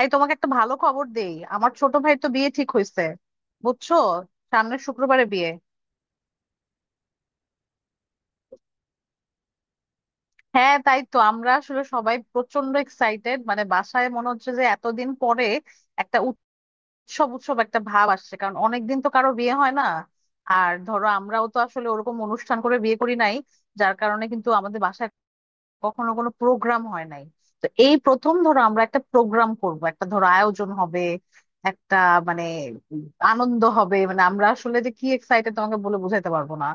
এই তোমাকে একটা ভালো খবর দেই, আমার ছোট ভাই তো বিয়ে ঠিক হয়েছে, বুঝছো? সামনের শুক্রবারে বিয়ে। হ্যাঁ, তাই তো আমরা আসলে সবাই প্রচন্ড এক্সাইটেড, মানে বাসায় মনে হচ্ছে যে এতদিন পরে একটা উৎসব উৎসব একটা ভাব আসছে, কারণ অনেকদিন তো কারো বিয়ে হয় না। আর ধরো, আমরাও তো আসলে ওরকম অনুষ্ঠান করে বিয়ে করি নাই, যার কারণে কিন্তু আমাদের বাসায় কখনো কোনো প্রোগ্রাম হয় নাই। তো এই প্রথম ধরো আমরা একটা প্রোগ্রাম করব, একটা ধরো আয়োজন হবে, একটা মানে আনন্দ হবে। মানে আমরা আসলে যে কি এক্সাইটেড তোমাকে বলে বোঝাতে পারবো না।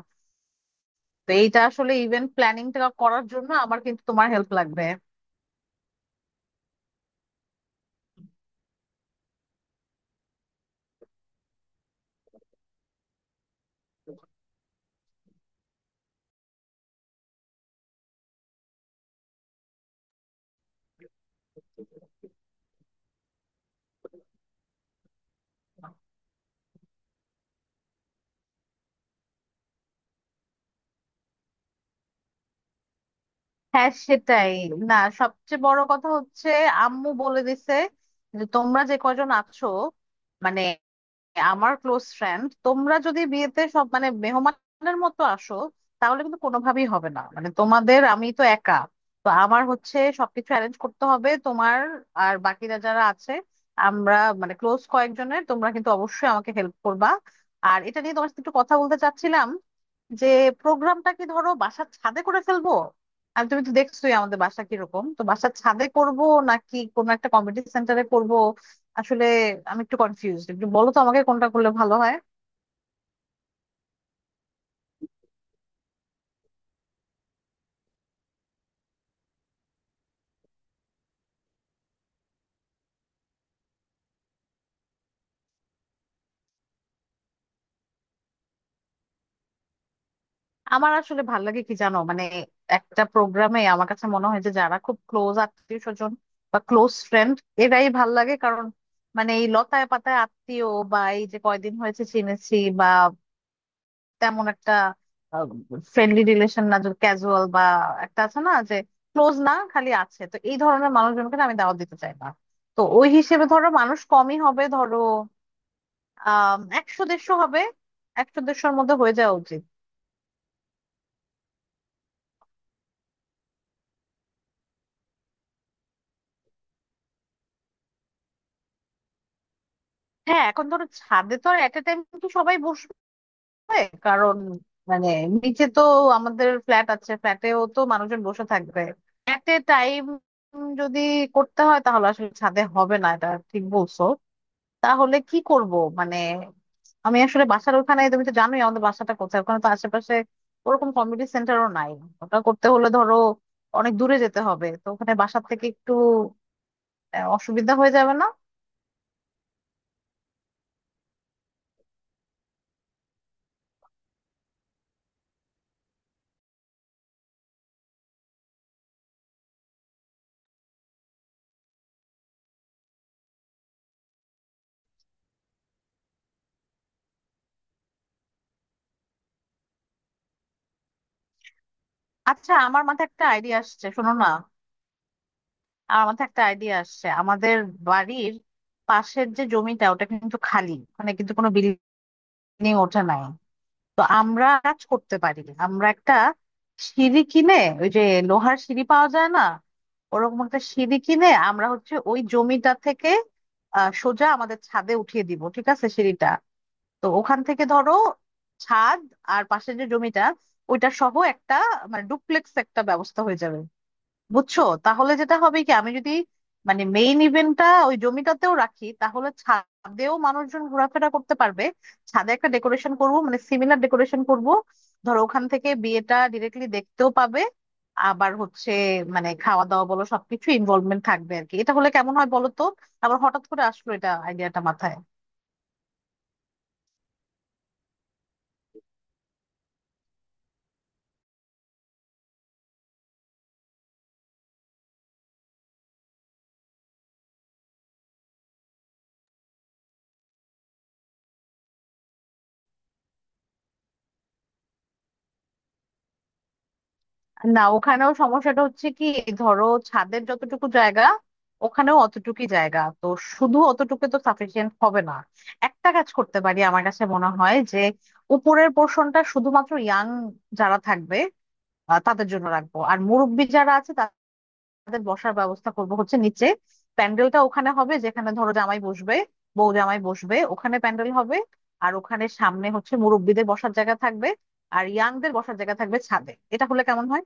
তো এইটা আসলে ইভেন্ট প্ল্যানিংটা করার জন্য আমার কিন্তু তোমার হেল্প লাগবে। হ্যাঁ সেটাই, না সবচেয়ে বড় কথা হচ্ছে আম্মু বলে দিছে যে তোমরা যে কজন আছো, মানে আমার ক্লোজ ফ্রেন্ড, তোমরা যদি বিয়েতে সব মানে মেহমানের মতো আসো তাহলে কিন্তু কোনোভাবেই হবে না, মানে তোমাদের আমি তো একা। তো আমার হচ্ছে সবকিছু অ্যারেঞ্জ করতে হবে, তোমার আর বাকিরা যারা আছে আমরা, মানে ক্লোজ কয়েকজনের, তোমরা কিন্তু অবশ্যই আমাকে হেল্প করবা। আর এটা নিয়ে তোমার সাথে একটু কথা বলতে চাচ্ছিলাম যে প্রোগ্রামটা কি ধরো বাসার ছাদে করে ফেলবো? আর তুমি তো দেখছোই আমাদের বাসা কিরকম, তো বাসার ছাদে করব নাকি কোনো একটা কমিউনিটি সেন্টারে করব? আসলে আমি একটু কনফিউজড। একটু বলো তো আমাকে কোনটা করলে ভালো হয়। আমার আসলে ভালো লাগে কি জানো, মানে একটা প্রোগ্রামে আমার কাছে মনে হয় যে যারা খুব ক্লোজ আত্মীয় স্বজন বা ক্লোজ ফ্রেন্ড এরাই ভাল লাগে। কারণ মানে এই লতায় পাতায় আত্মীয়, বা এই যে কয়দিন হয়েছে চিনেছি, বা তেমন একটা ফ্রেন্ডলি রিলেশন না, যে ক্যাজুয়াল বা একটা আছে না যে ক্লোজ না, খালি আছে, তো এই ধরনের মানুষজনকে না আমি দাওয়াত দিতে চাই না। তো ওই হিসেবে ধরো মানুষ কমই হবে, ধরো 100-150 হবে। 100-150র মধ্যে হয়ে যাওয়া উচিত। হ্যাঁ এখন ধরো ছাদে তো আর এট এ টাইম কি সবাই বসবে? কারণ মানে নিচে তো আমাদের ফ্ল্যাট আছে, ফ্ল্যাটেও তো মানুষজন বসে থাকবে। এট এ টাইম যদি করতে হয় তাহলে আসলে ছাদে হবে না, এটা ঠিক বলছো। তাহলে কি করব? মানে আমি আসলে বাসার ওখানে, তুমি তো জানোই আমাদের বাসাটা কোথায়, ওখানে তো আশেপাশে ওরকম কমিউনিটি সেন্টারও নাই। ওটা করতে হলে ধরো অনেক দূরে যেতে হবে, তো ওখানে বাসার থেকে একটু অসুবিধা হয়ে যাবে না? আচ্ছা আমার মাথায় একটা আইডিয়া আসছে, শোনো না। আমার মাথায় একটা আইডিয়া আসছে, আমাদের বাড়ির পাশের যে জমিটা ওটা কিন্তু খালি, মানে কিন্তু কোনো বিল্ডিং ওঠে নাই। তো আমরা কাজ করতে পারি, আমরা একটা সিঁড়ি কিনে, ওই যে লোহার সিঁড়ি পাওয়া যায় না, ওরকম একটা সিঁড়ি কিনে আমরা হচ্ছে ওই জমিটা থেকে সোজা আমাদের ছাদে উঠিয়ে দিব, ঠিক আছে, সিঁড়িটা। তো ওখান থেকে ধরো ছাদ আর পাশে যে জমিটা ওইটা সহ একটা মানে ডুপ্লেক্স একটা ব্যবস্থা হয়ে যাবে, বুঝছো? তাহলে যেটা হবে কি, আমি যদি মানে মেইন ইভেন্টটা ওই জমিটাতেও রাখি তাহলে ছাদেও মানুষজন ঘোরাফেরা করতে পারবে। ছাদে একটা ডেকোরেশন করব, মানে সিমিলার ডেকোরেশন করব, ধরো ওখান থেকে বিয়েটা ডিরেক্টলি দেখতেও পাবে। আবার হচ্ছে মানে খাওয়া দাওয়া বলো সবকিছু ইনভলভমেন্ট থাকবে আর কি। এটা হলে কেমন হয় বলো তো। আবার হঠাৎ করে আসলো এটা আইডিয়াটা মাথায়। না ওখানেও সমস্যাটা হচ্ছে কি, ধরো ছাদের যতটুকু জায়গা ওখানেও অতটুকুই জায়গা, তো শুধু অতটুকু তো সাফিসিয়েন্ট হবে না। একটা কাজ করতে পারি, আমার কাছে মনে হয় যে উপরের পোর্শনটা শুধুমাত্র ইয়াং যারা থাকবে তাদের জন্য রাখবো, আর মুরব্বি যারা আছে তাদের বসার ব্যবস্থা করব হচ্ছে নিচে। প্যান্ডেলটা ওখানে হবে যেখানে ধরো জামাই বসবে, বউ জামাই বসবে, ওখানে প্যান্ডেল হবে। আর ওখানে সামনে হচ্ছে মুরব্বিদের বসার জায়গা থাকবে, আর ইয়াংদের বসার জায়গা থাকবে ছাদে। এটা হলে কেমন হয়?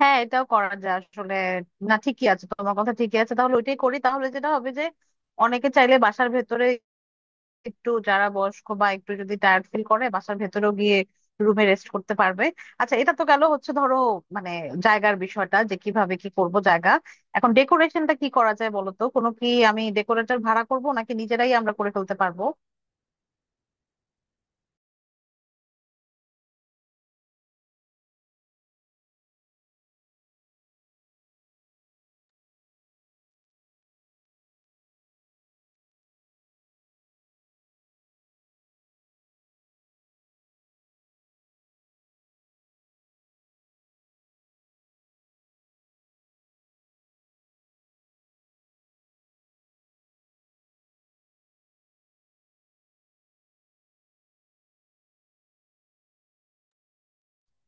হ্যাঁ এটাও করা যায় আসলে। না ঠিকই আছে, তোমার কথা ঠিকই আছে, তাহলে ওইটাই করি। তাহলে যেটা হবে যে অনেকে চাইলে বাসার ভেতরে, একটু যারা বয়স্ক বা একটু যদি টায়ার্ড ফিল করে বাসার ভেতরেও গিয়ে রুমে রেস্ট করতে পারবে। আচ্ছা এটা তো গেল হচ্ছে ধরো মানে জায়গার বিষয়টা যে কিভাবে কি করব জায়গা। এখন ডেকোরেশনটা কি করা যায় বলো তো? কোনো কি আমি ডেকোরেটর ভাড়া করব নাকি নিজেরাই আমরা করে ফেলতে পারবো?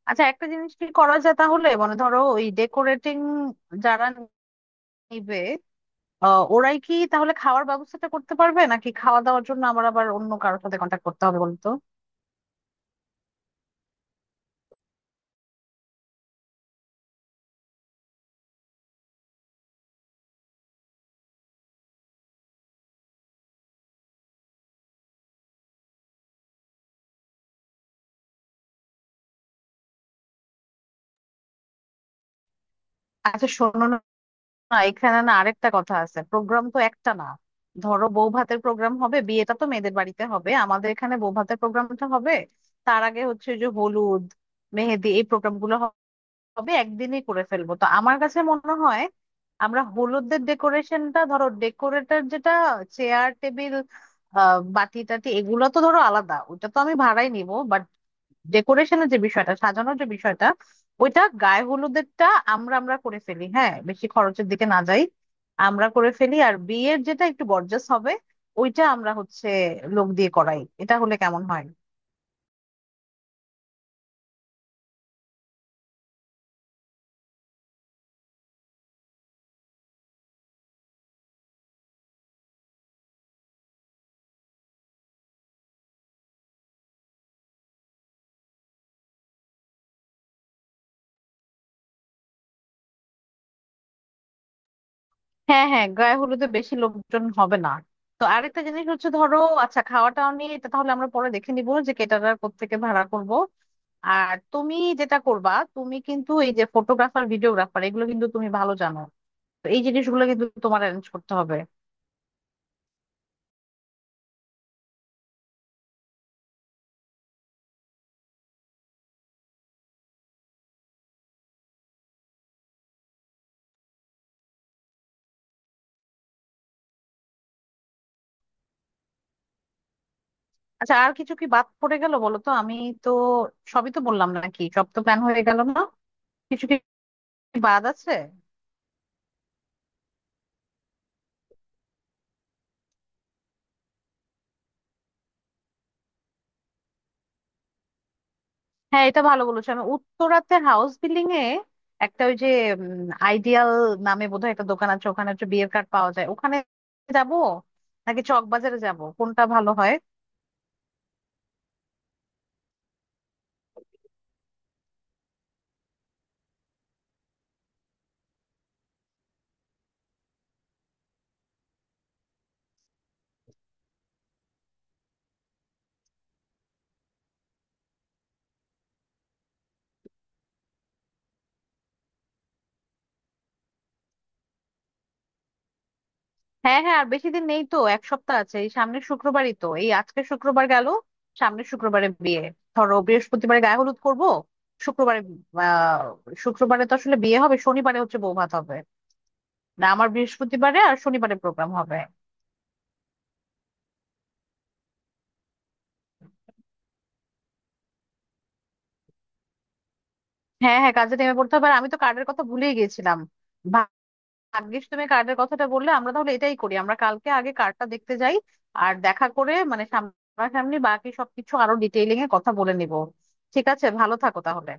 আচ্ছা একটা জিনিস কি করা যায় তাহলে, মানে ধরো ওই ডেকোরেটিং যারা নিবে ওরাই কি তাহলে খাওয়ার ব্যবস্থাটা করতে পারবে, নাকি খাওয়া দাওয়ার জন্য আমার আবার অন্য কারোর সাথে কন্ট্যাক্ট করতে হবে, বলতো? আচ্ছা শোনো না, এখানে না আরেকটা কথা আছে, প্রোগ্রাম তো একটা না। ধরো বউ ভাতের প্রোগ্রাম হবে, বিয়েটা তো মেয়েদের বাড়িতে হবে, আমাদের এখানে বউ ভাতের প্রোগ্রামটা হবে। তার আগে হচ্ছে যে হলুদ মেহেদি এই প্রোগ্রাম গুলো হবে, একদিনই করে ফেলবো, তো আমার কাছে মনে হয় আমরা হলুদের ডেকোরেশনটা ধরো ডেকোরেটর যেটা চেয়ার টেবিল বাতি টাতি এগুলো তো ধরো আলাদা, ওটা তো আমি ভাড়াই নিব। ডেকোরেশনের যে বিষয়টা সাজানোর যে বিষয়টা, ওইটা গায়ে হলুদেরটা আমরা আমরা করে ফেলি, হ্যাঁ বেশি খরচের দিকে না যাই, আমরা করে ফেলি। আর বিয়ের যেটা একটু গর্জাস হবে, ওইটা আমরা হচ্ছে লোক দিয়ে করাই। এটা হলে কেমন হয়? হ্যাঁ হ্যাঁ গায়ে হলুদে বেশি লোকজন হবে না। তো আরেকটা জিনিস হচ্ছে ধরো, আচ্ছা খাওয়া টাওয়া নিয়ে এটা তাহলে আমরা পরে দেখে নিবো যে কেটারার কোত্থেকে ভাড়া করব। আর তুমি যেটা করবা, তুমি কিন্তু এই যে ফটোগ্রাফার ভিডিওগ্রাফার এগুলো কিন্তু তুমি ভালো জানো, তো এই জিনিসগুলো কিন্তু তোমার অ্যারেঞ্জ করতে হবে। আচ্ছা আর কিছু কি বাদ পড়ে গেল বলো তো, আমি তো সবই তো বললাম নাকি? সব তো প্ল্যান হয়ে গেল না, কিছু কি বাদ আছে? হ্যাঁ এটা ভালো বলেছো। আমি উত্তরাতে হাউস বিল্ডিং এ একটা, ওই যে আইডিয়াল নামে বোধহয় একটা দোকান আছে, ওখানে হচ্ছে বিয়ের কার্ড পাওয়া যায়, ওখানে যাবো নাকি চকবাজারে যাব, কোনটা ভালো হয়? হ্যাঁ হ্যাঁ আর বেশি দিন নেই তো, এক সপ্তাহ আছে, এই সামনের শুক্রবারই তো, এই আজকে শুক্রবার গেল, সামনের শুক্রবারে বিয়ে। ধরো বৃহস্পতিবারে গায়ে হলুদ করব, শুক্রবারে আহ শুক্রবারে তো আসলে বিয়ে হবে, শনিবারে হচ্ছে বৌভাত হবে। না আমার বৃহস্পতিবারে আর শনিবারে প্রোগ্রাম হবে। হ্যাঁ হ্যাঁ কাজে নেমে পড়তে হবে। আর আমি তো কার্ডের কথা ভুলেই গিয়েছিলাম, ভা- ভাগ্যিস তুমি কার্ডের কথাটা বললে। আমরা তাহলে এটাই করি, আমরা কালকে আগে কার্ডটা দেখতে যাই আর দেখা করে মানে সামনাসামনি বাকি সবকিছু আরো ডিটেইলিং এ কথা বলে নিব। ঠিক আছে, ভালো থাকো তাহলে।